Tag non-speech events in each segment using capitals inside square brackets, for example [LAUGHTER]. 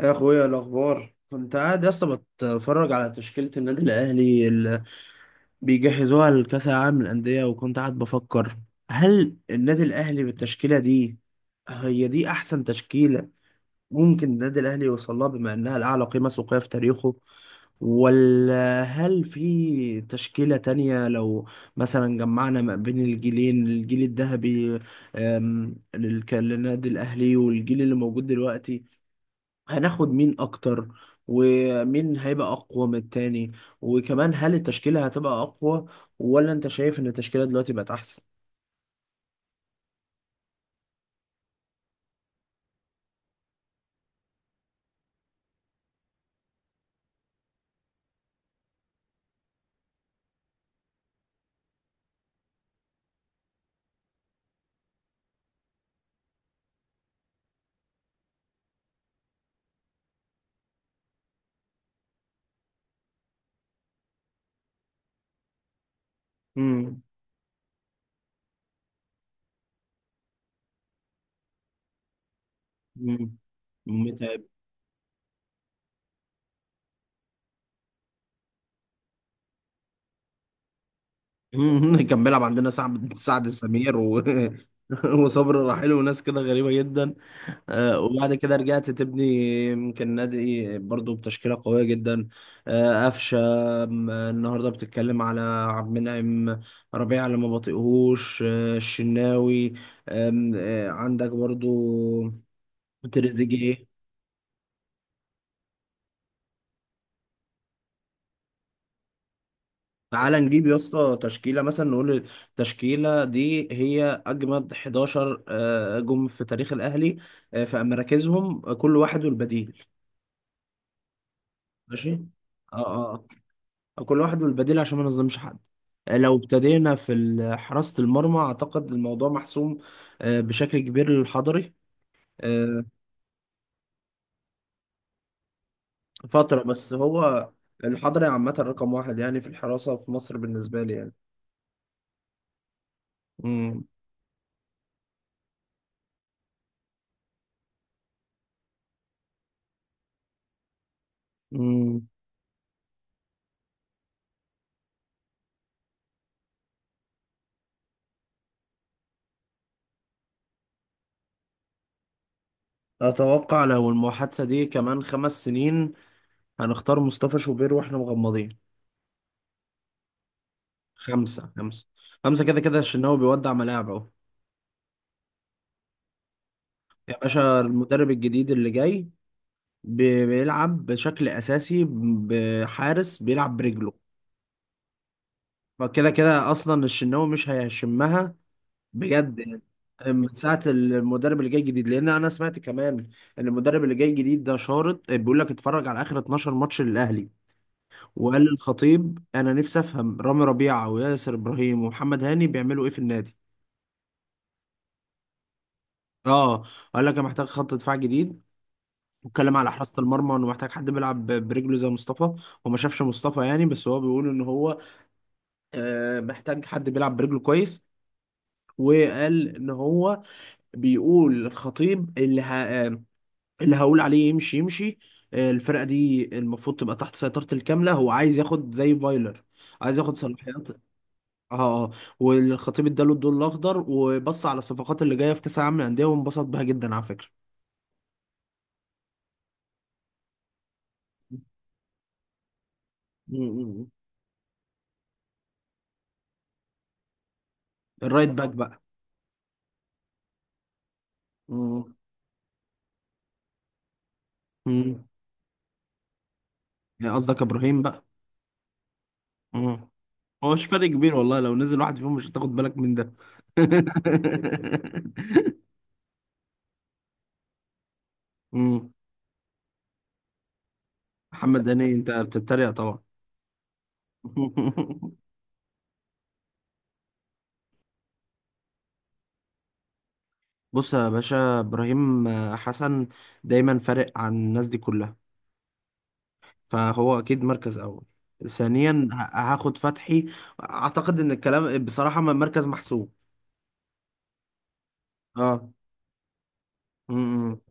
يا اخويا، إيه الاخبار؟ كنت قاعد يا اسطى بتفرج على تشكيله النادي الاهلي اللي بيجهزوها لكاس العالم للانديه، وكنت قاعد بفكر هل النادي الاهلي بالتشكيله دي هي دي احسن تشكيله ممكن النادي الاهلي يوصل لها، بما انها الاعلى قيمه سوقيه في تاريخه؟ ولا هل في تشكيله تانية لو مثلا جمعنا ما بين الجيلين، الجيل الذهبي للنادي الاهلي والجيل اللي موجود دلوقتي؟ هناخد مين اكتر؟ ومين هيبقى اقوى من التاني؟ وكمان هل التشكيلة هتبقى اقوى، ولا انت شايف ان التشكيلة دلوقتي بقت احسن؟ امم. [LAUGHS] مم. كان بيلعب عندنا سعد السمير و... [LAUGHS] وصبر الرحيل وناس كده غريبة جدا. وبعد كده رجعت تبني. يمكن نادي برضو بتشكيلة قوية جدا. قفشة. النهاردة بتتكلم على عبد المنعم ربيع اللي ما بطيقهوش، الشناوي، آم، آه، عندك برضو تريزيجيه. تعالى نجيب يا اسطى تشكيله مثلا، نقول التشكيله دي هي اجمد 11 جم في تاريخ الاهلي، في مراكزهم، كل واحد والبديل. ماشي. اه. اه. كل واحد والبديل عشان ما نظلمش حد. لو ابتدينا في حراسه المرمى، اعتقد الموضوع محسوم بشكل كبير للحضري. آه، فتره بس هو. الحضري عامه رقم واحد يعني في الحراسه في مصر بالنسبه لي يعني. مم. مم. أتوقع لو المحادثة دي كمان خمس سنين هنختار مصطفى شوبير واحنا مغمضين. خمسة خمسة. خمسة كده كده الشناوي بيودع ملاعب اهو. يا باشا المدرب الجديد اللي جاي بيلعب بشكل أساسي بحارس بيلعب برجله. فكده كده أصلا الشناوي مش هيشمها بجد يعني، من ساعة المدرب اللي جاي جديد. لأن أنا سمعت كمان إن المدرب اللي جاي جديد ده شارط، بيقول لك اتفرج على آخر 12 ماتش للأهلي، وقال للخطيب أنا نفسي أفهم رامي ربيعة وياسر إبراهيم ومحمد هاني بيعملوا إيه في النادي. اه. قال لك انا محتاج خط دفاع جديد، واتكلم على حراسة المرمى انه محتاج حد بيلعب برجله زي مصطفى. هو ما شافش مصطفى يعني، بس هو بيقول ان هو محتاج حد بيلعب برجله كويس. وقال ان هو بيقول للخطيب اللي ه... آه، اللي هقول عليه يمشي يمشي. الفرقة دي المفروض تبقى تحت سيطرة الكاملة، هو عايز ياخد زي فايلر، عايز ياخد صلاحيات. اه اه. والخطيب اداله الضوء الاخضر، وبص على الصفقات اللي جايه في كاس العالم للانديه وانبسط بها جدا. على فكره، الرايت باك بقى. مم. مم. يعني قصدك ابراهيم بقى. مم. هو مش فرق كبير والله، لو نزل واحد فيهم مش هتاخد بالك من ده. [LAUGHS] مم. محمد هاني؟ انت بتتريق طبعا. [LAUGHS] بص يا باشا، ابراهيم حسن دايما فارق عن الناس دي كلها، فهو اكيد مركز اول. ثانيا، هاخد فتحي. اعتقد ان الكلام بصراحة ما مركز محسوب. اه. م- م-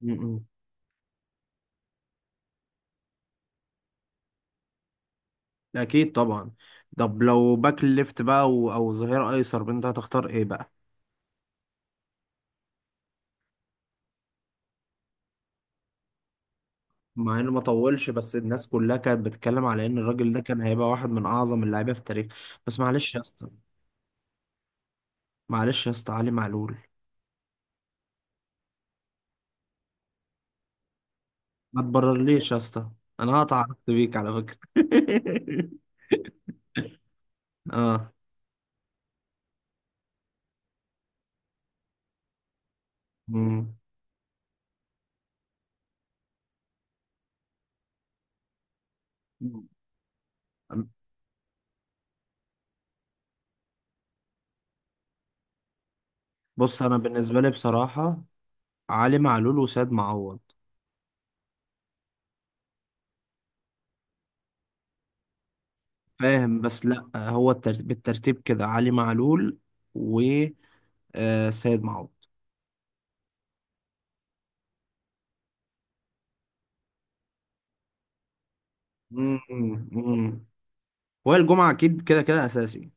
م- اكيد طبعا. طب لو باك ليفت بقى او ظهير ايسر، انت هتختار ايه بقى؟ مع انه ما طولش، بس الناس كلها كانت بتتكلم على ان الراجل ده كان هيبقى واحد من اعظم اللعيبه في التاريخ. بس معلش يا اسطى، معلش يا اسطى، علي معلول. ما تبررليش يا اسطى، انا هقطع علاقتي بيك على فكره. [LAUGHS] اه. مم. بص انا بالنسبه لي بصراحه علي معلول وسيد معوض. فاهم؟ بس لا، هو الترتيب بالترتيب كده علي معلول و سيد معوض. مم، مم. وائل الجمعة أكيد كده كده أساسي.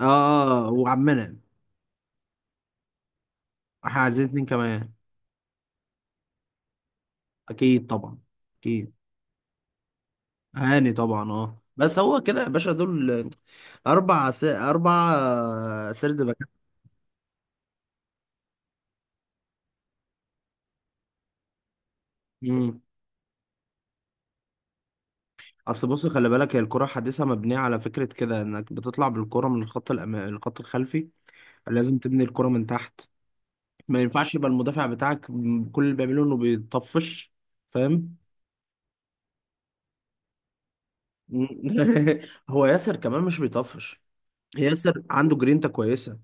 آه. وعمنا. إحنا عايزين اتنين كمان. أكيد طبعا. أكيد. هاني طبعا، آه، بس هو كده يا باشا دول أربع سرد باكات. مم. أصل بص خلي بالك، هي الكرة الحديثة مبنية على فكرة كده، إنك بتطلع بالكرة من الخط الأمامي، الخط الخلفي، لازم تبني الكرة من تحت. ما ينفعش يبقى المدافع بتاعك كل اللي بيعمله إنه بيطفش، فاهم؟ [LAUGHS] هو ياسر كمان مش بيطفش، ياسر عنده جرينتا كويسه،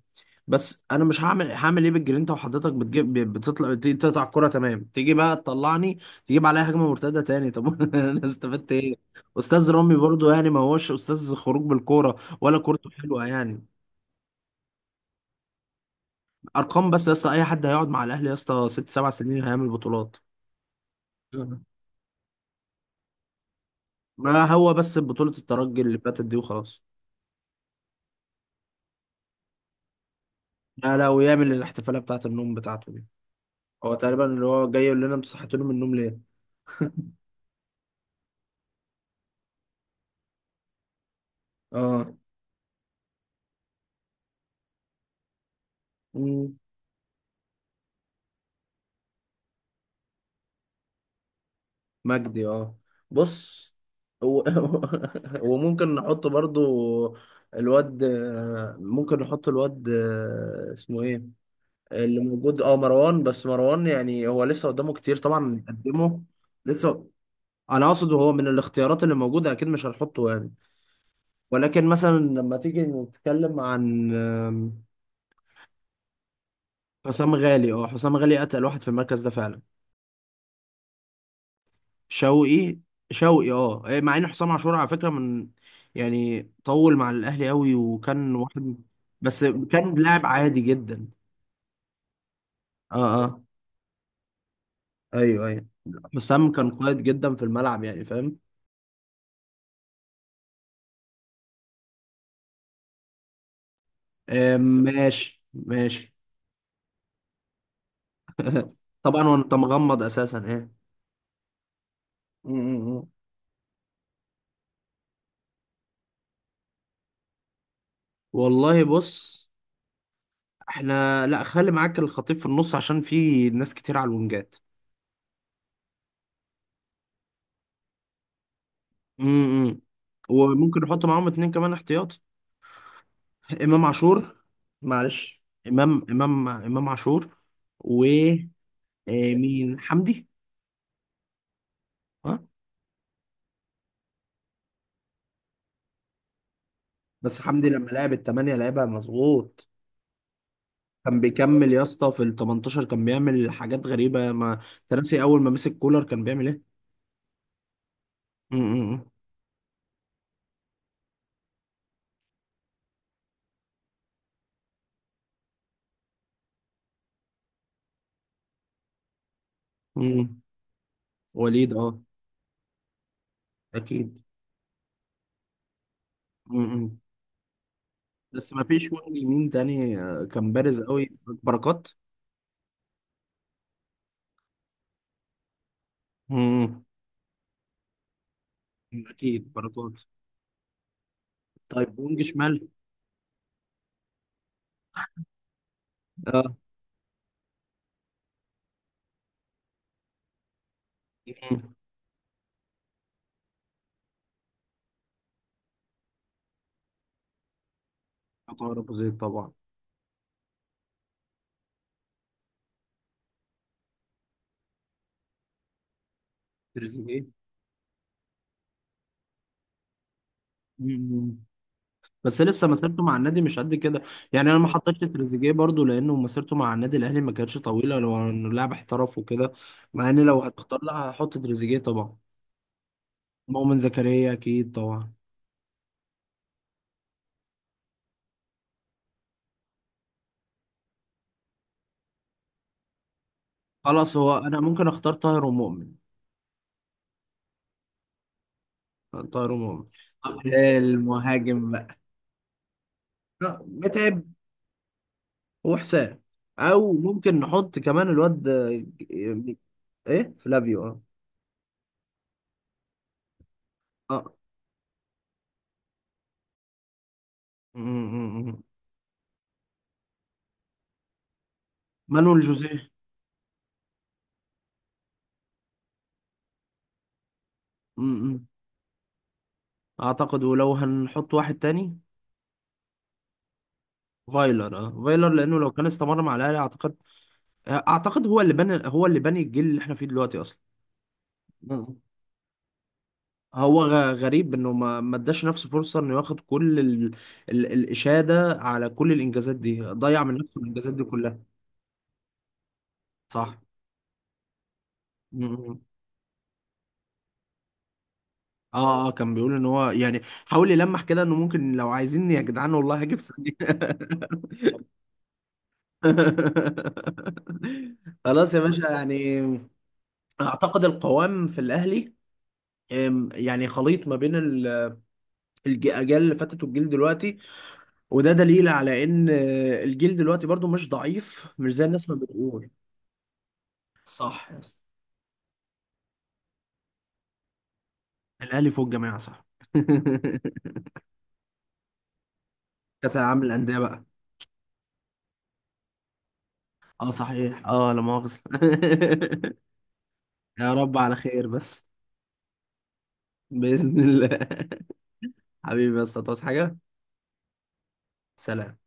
بس انا مش هعمل ايه بالجرينتا وحضرتك بتجيب، بتطلع، تيجي تقطع الكره تمام، تيجي بقى تطلعني تجيب عليها هجمه مرتده تاني، طب [LAUGHS] انا استفدت ايه؟ استاذ رامي برضو يعني ما هوش استاذ خروج بالكوره، ولا كورته حلوه يعني. ارقام بس يا اسطى، اي حد هيقعد مع الاهلي يا اسطى ست سبع سنين هيعمل بطولات. ما هو بس بطوله الترجي اللي فاتت دي وخلاص. لا لا، ويعمل الاحتفاليه بتاعه النوم بتاعته دي. هو تقريبا اللي هو جاي يقول لنا انتوا صحيتوني من النوم ليه. اه. مم. مجدي اه. بص هو [LAUGHS] وممكن نحط برضو الواد، ممكن نحط الواد اسمه ايه، اللي موجود، اه، مروان. بس مروان يعني هو لسه قدامه كتير طبعا نقدمه. لسه. انا اقصد هو من الاختيارات اللي موجوده اكيد مش هنحطه يعني. ولكن مثلا لما تيجي نتكلم عن حسام غالي اه، حسام غالي اتقل واحد في المركز ده فعلا. شوقي، شوقي اه، إيه، مع ان حسام عاشور على فكره من يعني طول مع الاهلي قوي، وكان واحد بس كان لاعب عادي جدا. اه اه. ايوه ايوه. حسام كان قائد جدا في الملعب يعني، فاهم؟ آه، ماشي ماشي. طبعا وانت مغمض اساسا، ايه. م- م- م. والله بص، احنا لا، خلي معاك الخطيب في النص عشان في ناس كتير على الونجات. امم. وممكن نحط معاهم اتنين كمان احتياطي. امام عاشور، معلش، امام عاشور. و مين، حمدي. ها. بس حمدي لما لعب الثمانية لعبها مظبوط. كان بيكمل يا اسطى في ال 18، كان بيعمل حاجات غريبة، ما تراسي اول ما مسك كولر كان بيعمل ايه. م- م- م. وليد اه. اكيد. م- م. بس ما فيش وينج يمين تاني كان بارز قوي بركات. م- م. اكيد بركات. طيب وينج شمال. اه. م- م. عطاء ابو زيد طبعا. تريزيجيه. مم. بس لسه مسيرته مع النادي مش قد كده يعني، انا ما حطيتش تريزيجيه برضو لانه مسيرته مع النادي الاهلي ما كانتش طويله، لو انه لاعب احترف وكده. مع ان لو هتختار، لا، هحط تريزيجيه طبعا. مؤمن زكريا اكيد طبعا. خلاص هو انا ممكن اختار طاهر ومؤمن. طاهر ومؤمن. طب المهاجم بقى؟ لا، متعب وحسام. او ممكن نحط كمان الواد ايه، فلافيو. اه اه. مم، مم، مم. مانويل جوزيه. م- م. اعتقد. ولو هنحط واحد تاني، فايلر. اه، فايلر لانه لو كان استمر مع الاهلي اعتقد، اعتقد هو اللي بنى، هو اللي بني الجيل اللي احنا فيه دلوقتي اصلا. مم. هو غريب انه ما اداش نفسه فرصه انه ياخد كل الاشاده على كل الانجازات دي، ضيع من نفسه الانجازات دي كلها. صح. مم. اه اه، كان بيقول ان هو يعني حاول يلمح كده انه ممكن، لو عايزيني يا جدعان والله هاجي في ثانيه. [LAUGHS] خلاص يا باشا يعني. اعتقد القوام في الاهلي يعني خليط ما بين الاجيال اللي فاتت والجيل دلوقتي، وده دليل على ان الجيل دلوقتي برضو مش ضعيف، مش زي الناس ما بتقول. صح يا اسطى. الاهلي فوق الجماعه، صح. [LAUGHS] كاس العالم للانديه بقى. اه صحيح، اه لا مؤاخذه. [LAUGHS] يا رب على خير بس. باذن الله. [LAUGHS] حبيبي يا اسطى، تصحى حاجه. سلام.